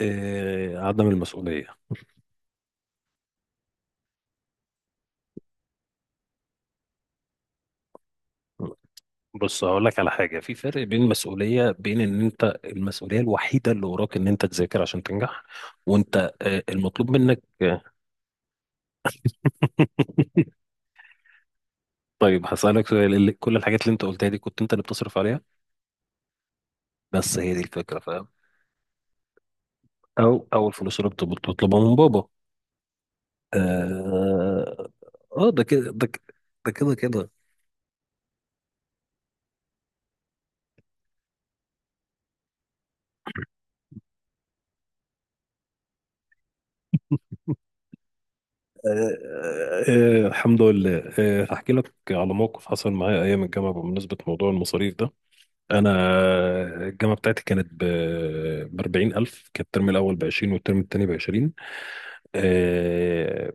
عدم المسؤولية. بص هقول لك على حاجة، في فرق بين المسؤولية، بين ان انت المسؤولية الوحيدة اللي وراك ان انت تذاكر عشان تنجح، وانت المطلوب منك. طيب هسألك سؤال، اللي كل الحاجات اللي انت قلتها دي كنت انت اللي بتصرف عليها؟ بس هي دي الفكرة، فاهم؟ او الفلوس اللي بتطلبها من بابا. اه. ده كده ده كده ده كده كده. آه، الحمد لله، هحكي لك على موقف حصل معايا ايام الجامعة بمناسبة موضوع المصاريف ده. انا الجامعه بتاعتي كانت ب 40,000، كان الترم الاول ب 20 والترم الثاني ب 20. آه،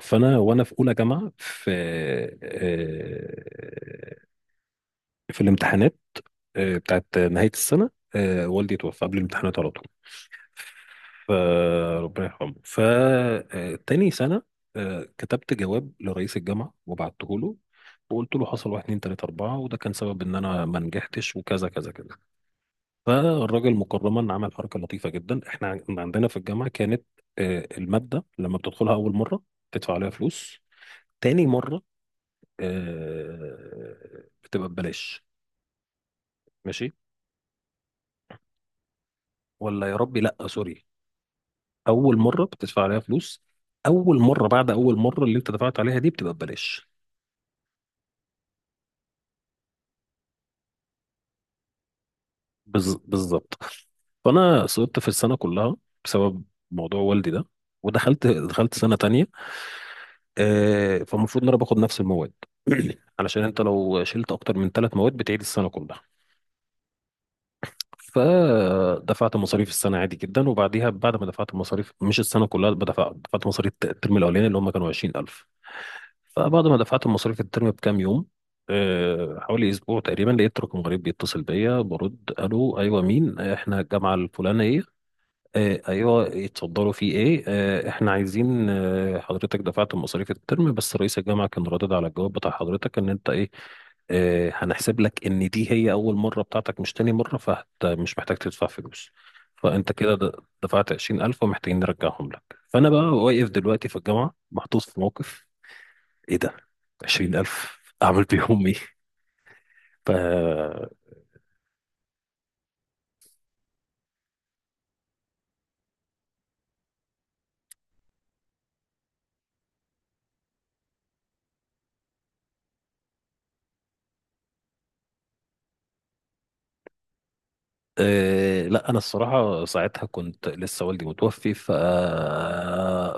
فانا وانا في اولى جامعه آه، في الامتحانات، بتاعت نهايه السنه. والدي توفى قبل الامتحانات على طول، فربنا يرحمه، فتاني سنه. كتبت جواب لرئيس الجامعه وبعته له، وقلت له حصل واحد اتنين تلاته اربعه، وده كان سبب ان انا ما نجحتش، وكذا كذا كذا. فالراجل مكرما عمل حركه لطيفه جدا. احنا عندنا في الجامعه كانت الماده لما بتدخلها اول مره تدفع عليها فلوس، تاني مره بتبقى ببلاش. ماشي، ولا يا ربي، لا سوري، اول مره بتدفع عليها فلوس. اول مره، بعد اول مره اللي انت دفعت عليها دي بتبقى ببلاش. بالظبط. فانا سقطت في السنه كلها بسبب موضوع والدي ده، ودخلت سنه تانية. فالمفروض ان انا باخد نفس المواد. علشان انت لو شلت اكتر من 3 مواد بتعيد السنه كلها. فدفعت مصاريف السنه عادي جدا، وبعديها بعد ما دفعت المصاريف مش السنه كلها، دفعت مصاريف الترم الاولاني اللي هم كانوا 20,000. فبعد ما دفعت مصاريف الترم بكام يوم، حوالي اسبوع تقريبا، لقيت رقم غريب بيتصل بيا. برد: الو، ايوه مين؟ احنا الجامعه الفلانيه. ايوه اتفضلوا، في ايه؟ احنا عايزين، حضرتك دفعت مصاريف الترم، بس رئيس الجامعه كان رادد على الجواب بتاع حضرتك ان انت ايه. هنحسب لك ان دي هي اول مره بتاعتك مش تاني مره، فمش محتاج تدفع فلوس. فانت كده دفعت 20,000، ومحتاجين نرجعهم لك. فانا بقى واقف دلوقتي في الجامعه محطوط في موقف. ايه ده؟ 20,000 أعمل بيهم إيه؟ ف آه، لا، أنا الصراحة ساعتها كنت لسه والدي متوفي.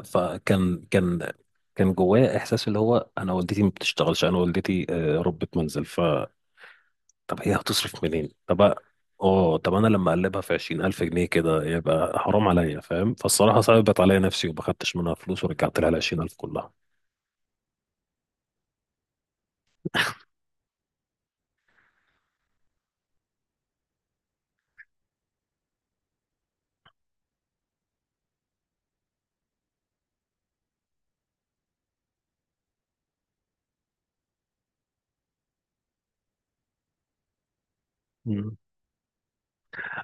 فكان كان كان جوايا إحساس، اللي هو أنا والدتي ما بتشتغلش، أنا والدتي ربة منزل. طب هي هتصرف منين؟ طب اه، طب أنا لما أقلبها في 20,000 جنيه كده يبقى حرام عليا، فاهم؟ فالصراحة صعبت عليا نفسي، وما خدتش منها فلوس، ورجعت لها العشرين ألف كلها.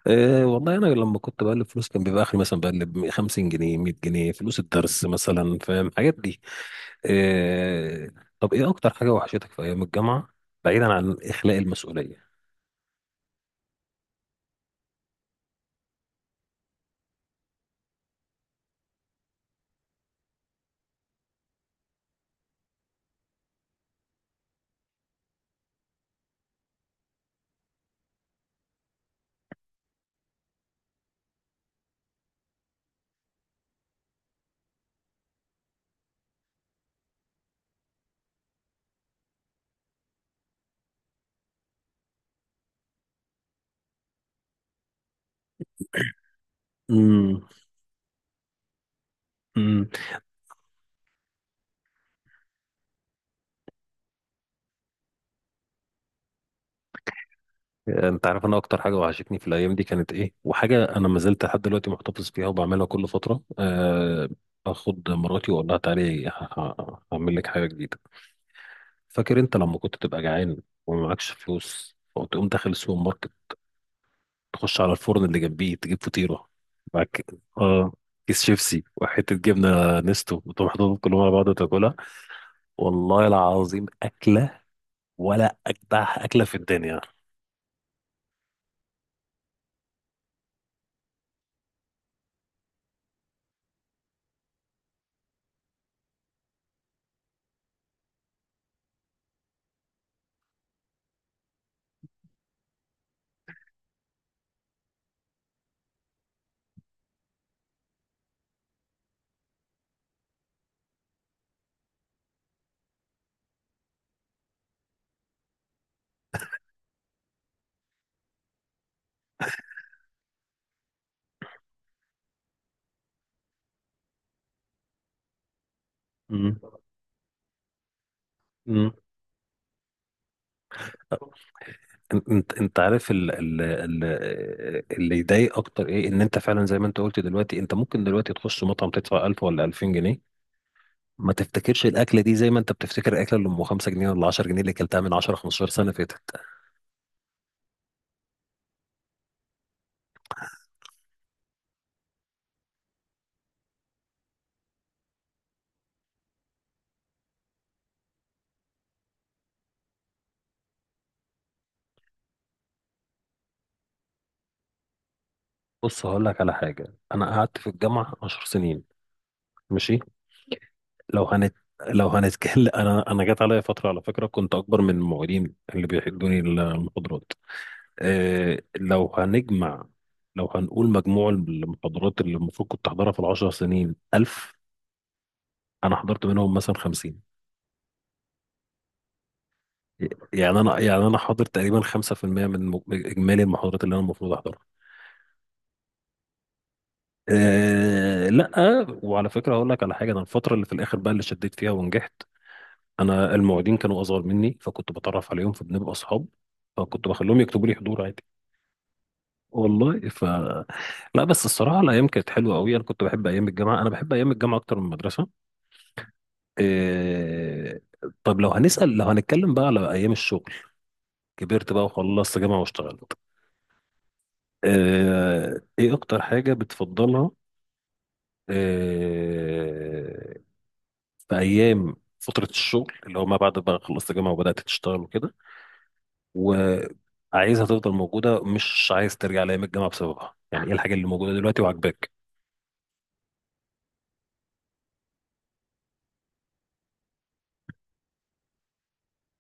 أه والله، انا لما كنت بقلب فلوس كان بيبقى اخري مثلا بقلب 50 جنيه، 100 جنيه، فلوس الدرس مثلا، فاهم حاجات دي؟ أه، طب ايه اكتر حاجه وحشتك في ايام الجامعه بعيدا عن اخلاء المسؤوليه امم امم انت عارف انا اكتر حاجه وحشتني في الايام دي كانت ايه، وحاجه انا ما زلت لحد دلوقتي محتفظ بيها وبعملها كل فتره، اخد مراتي واقول لها تعالي هعمل لك حاجه جديده. فاكر انت لما كنت تبقى جعان وما معكش فلوس، وتقوم داخل السوبر ماركت تخش على الفرن اللي جنبيه تجيب فطيرة معاك؟ اه، كيس شيبسي وحتة جبنة نستو، وتقوم حاططهم كلهم على بعض وتاكلها. والله العظيم أكلة، ولا أجدع أكلة في الدنيا. مم. مم. انت عارف ال ال ال اللي يضايق اكتر ايه؟ ان انت فعلا زي ما انت قلت دلوقتي، انت ممكن دلوقتي تخش مطعم تدفع 1000 ولا 2000 جنيه، ما تفتكرش الاكله دي زي ما انت بتفتكر الاكله اللي ام 5 جنيه ولا 10 جنيه، اللي كلتها من 10 15 سنه فاتت. بص هقول لك على حاجة، أنا قعدت في الجامعة 10 سنين، ماشي. لو هنت لو هنتكلم أنا جت عليا فترة، على فكرة كنت أكبر من المعيدين اللي بيحدوني المحاضرات. إيه، لو هنقول مجموع المحاضرات اللي المفروض كنت أحضرها في ال10 سنين 1000، أنا حضرت منهم مثلا 50. يعني أنا حاضر تقريبا 5% من إجمالي المحاضرات اللي أنا المفروض أحضرها. إيه، لا. وعلى فكرة هقول لك على حاجة، أنا الفترة اللي في الآخر بقى اللي شديت فيها ونجحت، انا المعيدين كانوا اصغر مني، فكنت بتعرف عليهم فبنبقى اصحاب، فكنت بخليهم يكتبوا لي حضور عادي والله. لا بس الصراحه الايام كانت حلوه قوي. انا كنت بحب ايام الجامعه، انا بحب ايام الجامعه اكتر من المدرسه. إيه. طب لو هنتكلم بقى على ايام الشغل، كبرت بقى وخلصت جامعه واشتغلت. إيه، ايه اكتر حاجه بتفضلها؟ إيه. في ايام فتره الشغل اللي هو ما بعد بقى خلصت جامعه وبدات تشتغل وكده، وعايزها تفضل موجودة، مش عايز ترجع لأيام الجامعة بسببها، يعني ايه الحاجة اللي موجودة دلوقتي وعاجباك؟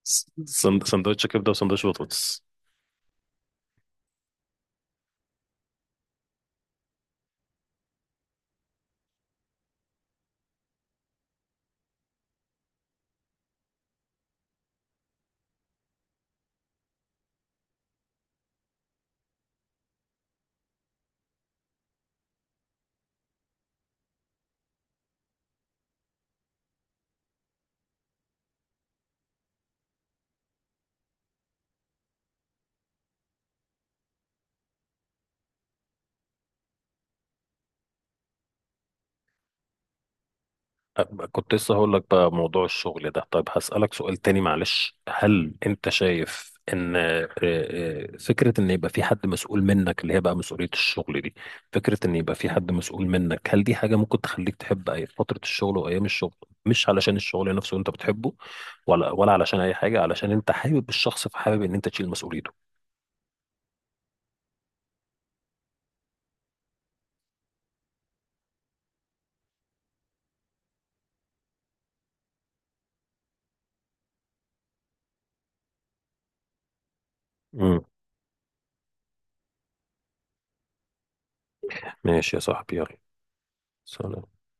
سندوتش كبدة وسندوتش بطاطس. كنت لسه هقول لك بقى موضوع الشغل ده. طيب هسألك سؤال تاني، معلش، هل انت شايف ان فكرة ان يبقى في حد مسؤول منك اللي هي بقى مسؤولية الشغل دي، فكرة ان يبقى في حد مسؤول منك، هل دي حاجة ممكن تخليك تحب أي فترة الشغل وايام الشغل؟ مش علشان الشغل نفسه انت بتحبه، ولا علشان اي حاجة، علشان انت حابب الشخص فحابب ان انت تشيل مسؤوليته. امم. ماشي يا صاحبي، يلا. سلام.